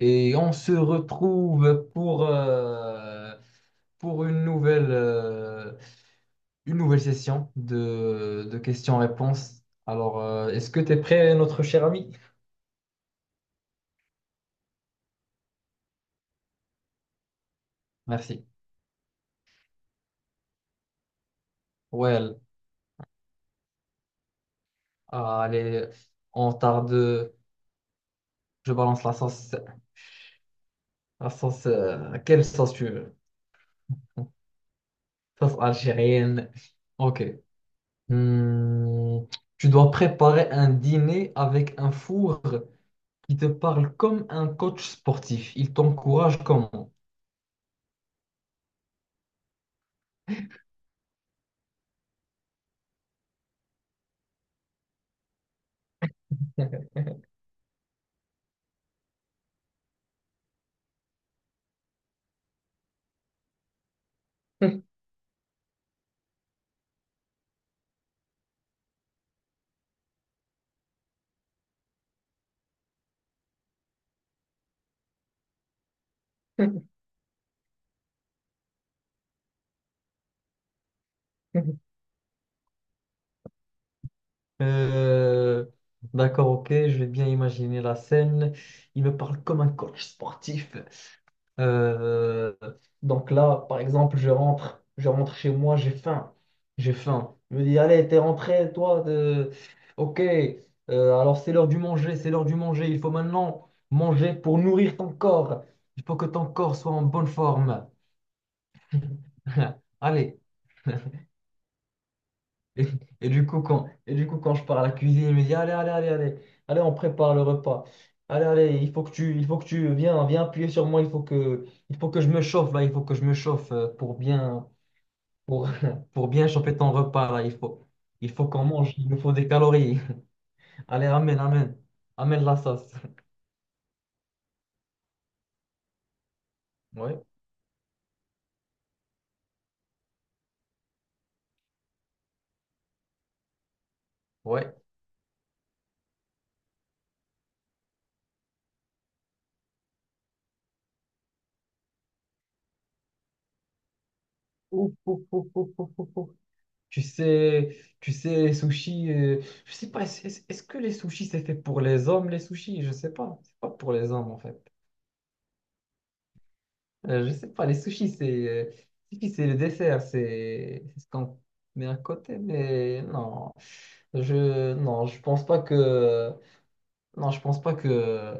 Et on se retrouve pour une une nouvelle session de questions-réponses. Est-ce que tu es prêt, notre cher ami? Merci. Well, allez, on tarde. Je balance la sauce. La quelle sauce tu veux? Sauce algérienne. Ok. Hmm. Tu dois préparer un dîner avec un four qui te parle comme un coach sportif. Il t'encourage comment? Euh, d'accord, ok, je vais bien imaginer la scène. Il me parle comme un coach sportif. Euh, donc là, par exemple, je rentre chez moi, j'ai faim. J'ai faim. Je me dis, allez, t'es rentré, toi, de... ok, alors c'est l'heure du manger, c'est l'heure du manger. Il faut maintenant manger pour nourrir ton corps. Il faut que ton corps soit en bonne forme. Allez. Et, et du coup, et du coup, quand je pars à la cuisine, il me dit, allez, allez, allez, allez, allez, on prépare le repas. Allez, allez, il faut que il faut que tu viens, viens appuyer sur moi, il faut que je me chauffe, il faut que je me chauffe, pour bien, pour, pour bien chauffer ton repas, là, il faut qu'on mange, il nous faut des calories. Allez, amène la sauce. Ouais, ouais. Ouf, ouf, ouf, ouf, ouf, ouf, ouf. Tu sais, je sais pas, est-ce que les sushis c'est fait pour les hommes, les sushis? Je sais pas, c'est pas pour les hommes en fait. Je sais pas, les sushis c'est sushi, c'est le dessert, c'est ce qu'on met à côté, mais non, je non, je pense pas que, non, je pense pas que,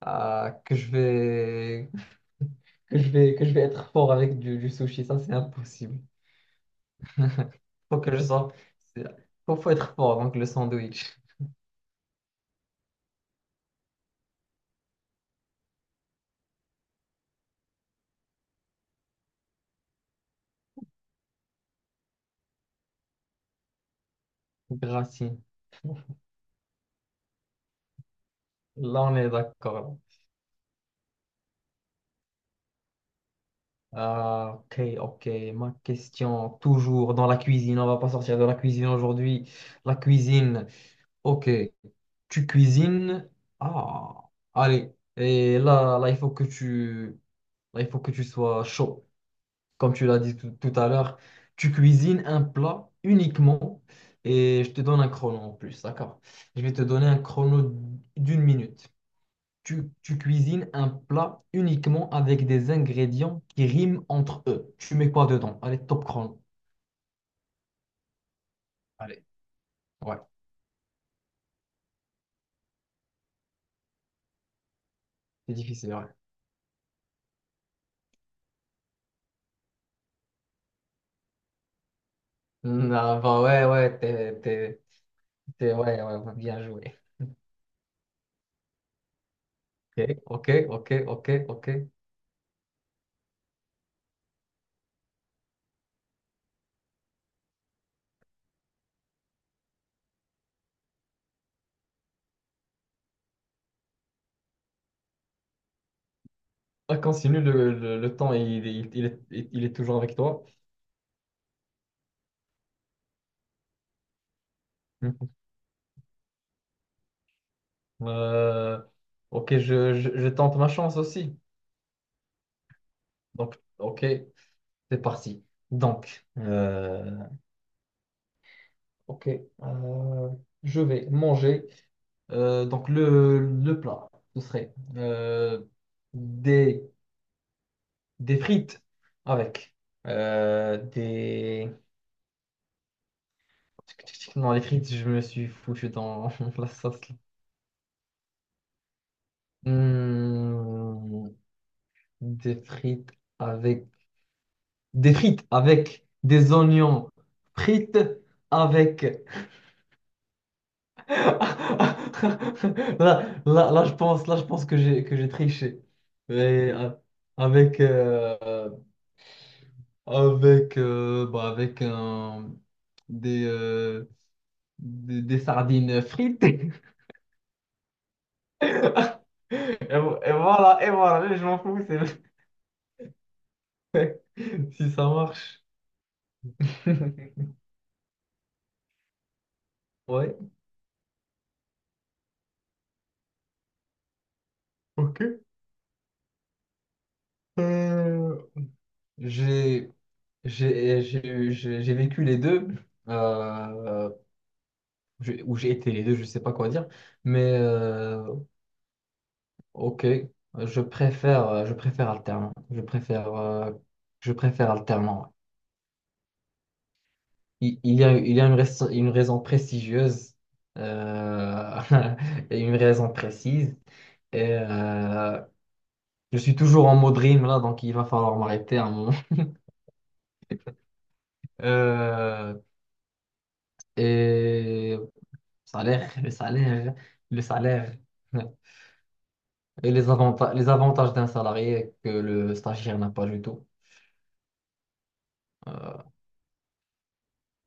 que je vais que je vais être fort avec du sushi, ça c'est impossible. Faut que je sois, c'est- faut être fort donc le sandwich. Gracine, là on est d'accord. Ah, ok, ok. Ma question, toujours dans la cuisine. On va pas sortir de la cuisine aujourd'hui. La cuisine, ok. Tu cuisines. Ah, allez. Et là, il faut que tu, il faut que tu sois chaud. Comme tu l'as dit tout à l'heure, tu cuisines un plat uniquement et je te donne un chrono en plus, d'accord? Je vais te donner un chrono d'une minute. Tu cuisines un plat uniquement avec des ingrédients qui riment entre eux. Tu mets quoi dedans? Allez, top chrono. Allez, ouais, c'est difficile, ouais. Non, bah ouais, ouais, ouais, ouais, ouais, bien joué. Ok, ok, ok, ok, ok. Ah, continue, le temps, il est toujours avec toi. Euh, ok, je tente ma chance aussi. Donc, ok, c'est parti. Donc, ok, euh, je vais manger. Donc le plat, ce serait des, des frites avec des... Non, les frites, je me suis foutu dans la sauce là. Hmm, des frites avec... Des frites avec des oignons frites avec là, je pense, je pense que j'ai triché. Mais avec euh, avec bah, avec des, euh, des sardines frites. Et voilà, je m'en fous, c'est si ça marche. Ouais, ok. Euh, j'ai j'ai vécu les deux, euh, ou j'ai été les deux, je sais pas quoi dire, mais ok, je préfère alternant. Je préfère alternant. Il y a une raison prestigieuse euh, et une raison précise. Et je suis toujours en mode rime là, donc il va falloir m'arrêter un moment. Euh, et salaire, le salaire. Et les avantages d'un salarié que le stagiaire n'a pas du tout. Euh,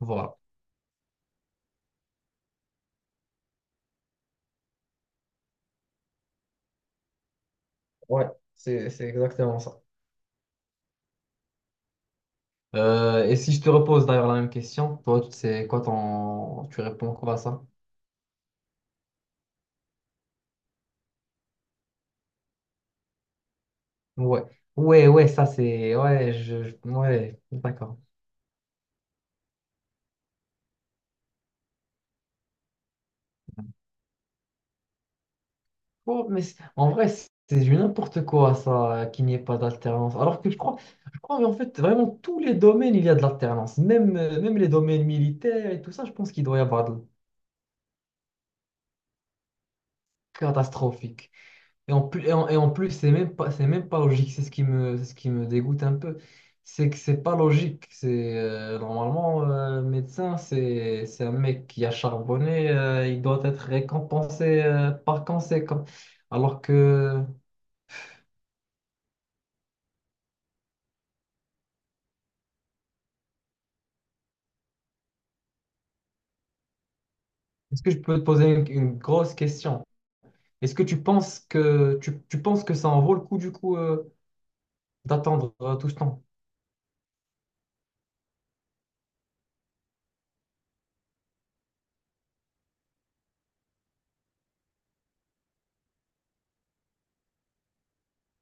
voilà. Ouais, c'est exactement ça. Et si je te repose d'ailleurs la même question, toi, c'est quoi ton... Tu réponds quoi à ça? Ouais. Ouais, ça c'est... Ouais, ouais, d'accord. Oh, mais en vrai, c'est du n'importe quoi ça, qu'il n'y ait pas d'alternance. Alors que je crois mais en fait, vraiment, tous les domaines, il y a de l'alternance. Même, même les domaines militaires et tout ça, je pense qu'il doit y avoir de... catastrophique. Et en plus, et en plus, c'est même pas logique. C'est ce qui me dégoûte un peu. C'est que c'est pas logique. C'est normalement médecin, c'est un mec qui a charbonné. Il doit être récompensé par conséquent. Alors que, est-ce que je peux te poser une grosse question? Est-ce que tu penses que tu penses que ça en vaut le coup du coup d'attendre tout ce temps?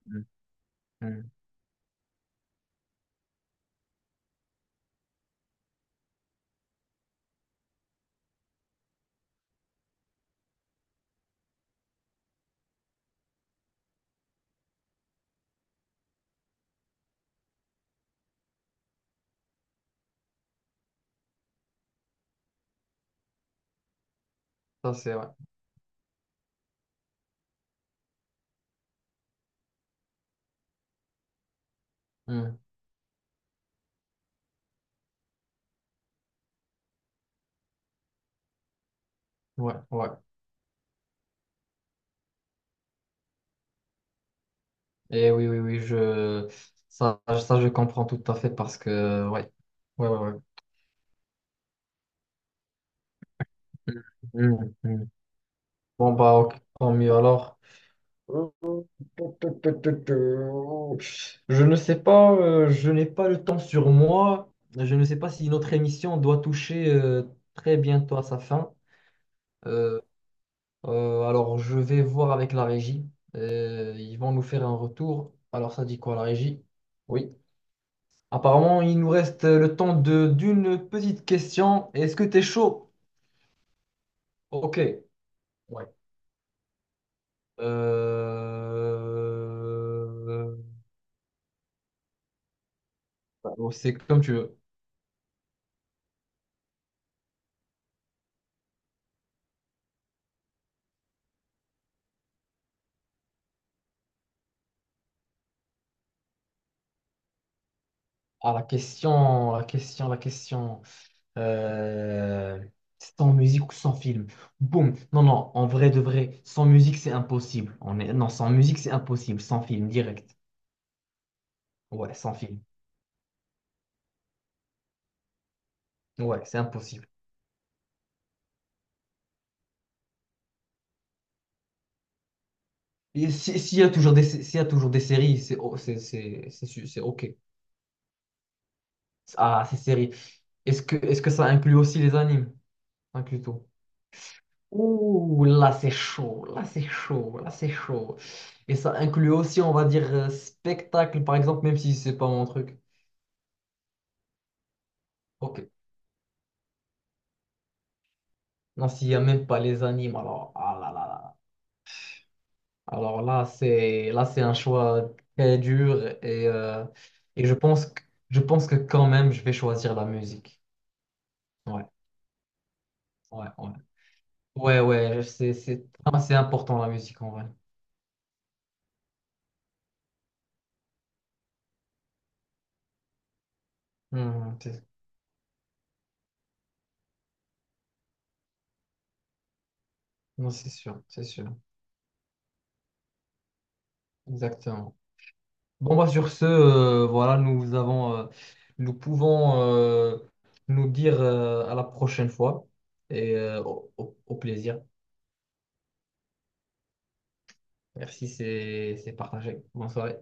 Mm. Mm. Ça c'est ouais. Mm. Ouais, ouais. Et oui, oui, oui, je... Ça, je comprends tout à fait parce que, ouais. Ouais, ouais, ouais. Mm, mm, mm. Bon, bah, ok, tant mieux alors. Je ne sais pas, je n'ai pas le temps sur moi. Je ne sais pas si notre émission doit toucher très bientôt à sa fin. Euh, alors, je vais voir avec la régie. Ils vont nous faire un retour. Alors, ça dit quoi, la régie? Oui. Apparemment, il nous reste le temps de d'une petite question. Est-ce que t'es chaud? Ok. Ouais. Euh, bah, bon, c'est comme tu veux. Ah, la question, la question, la question. Euh, Sans musique ou sans film? Boum. Non, non, en vrai de vrai, sans musique, c'est impossible. On est... Non, sans musique, c'est impossible. Sans film, direct. Ouais, sans film. Ouais, c'est impossible. Et s'il y a s'il y a toujours des séries, c'est o- c'est c'est su- c'est ok. Ah, ces séries. Est-ce que ça inclut aussi les animes? Pas du tout. Ouh, là c'est chaud, là c'est chaud, là c'est chaud. Et ça inclut aussi, on va dire, spectacle, par exemple, même si c'est pas mon truc. Ok. Non, s'il n'y a même pas les animes, alors, ah là là là. Alors là, c'est un choix très dur et, je pense que je pense que quand même, je vais choisir la musique. Ouais, ouais, ouais. Ouais, ouais, c'est ah, c'est important la musique en vrai. Hmm, c'est- Non, c'est sûr, exactement. Bon, bah, sur ce, voilà, nous avons, nous pouvons nous dire à la prochaine fois et au plaisir. Merci, c'est partagé. Bonne soirée.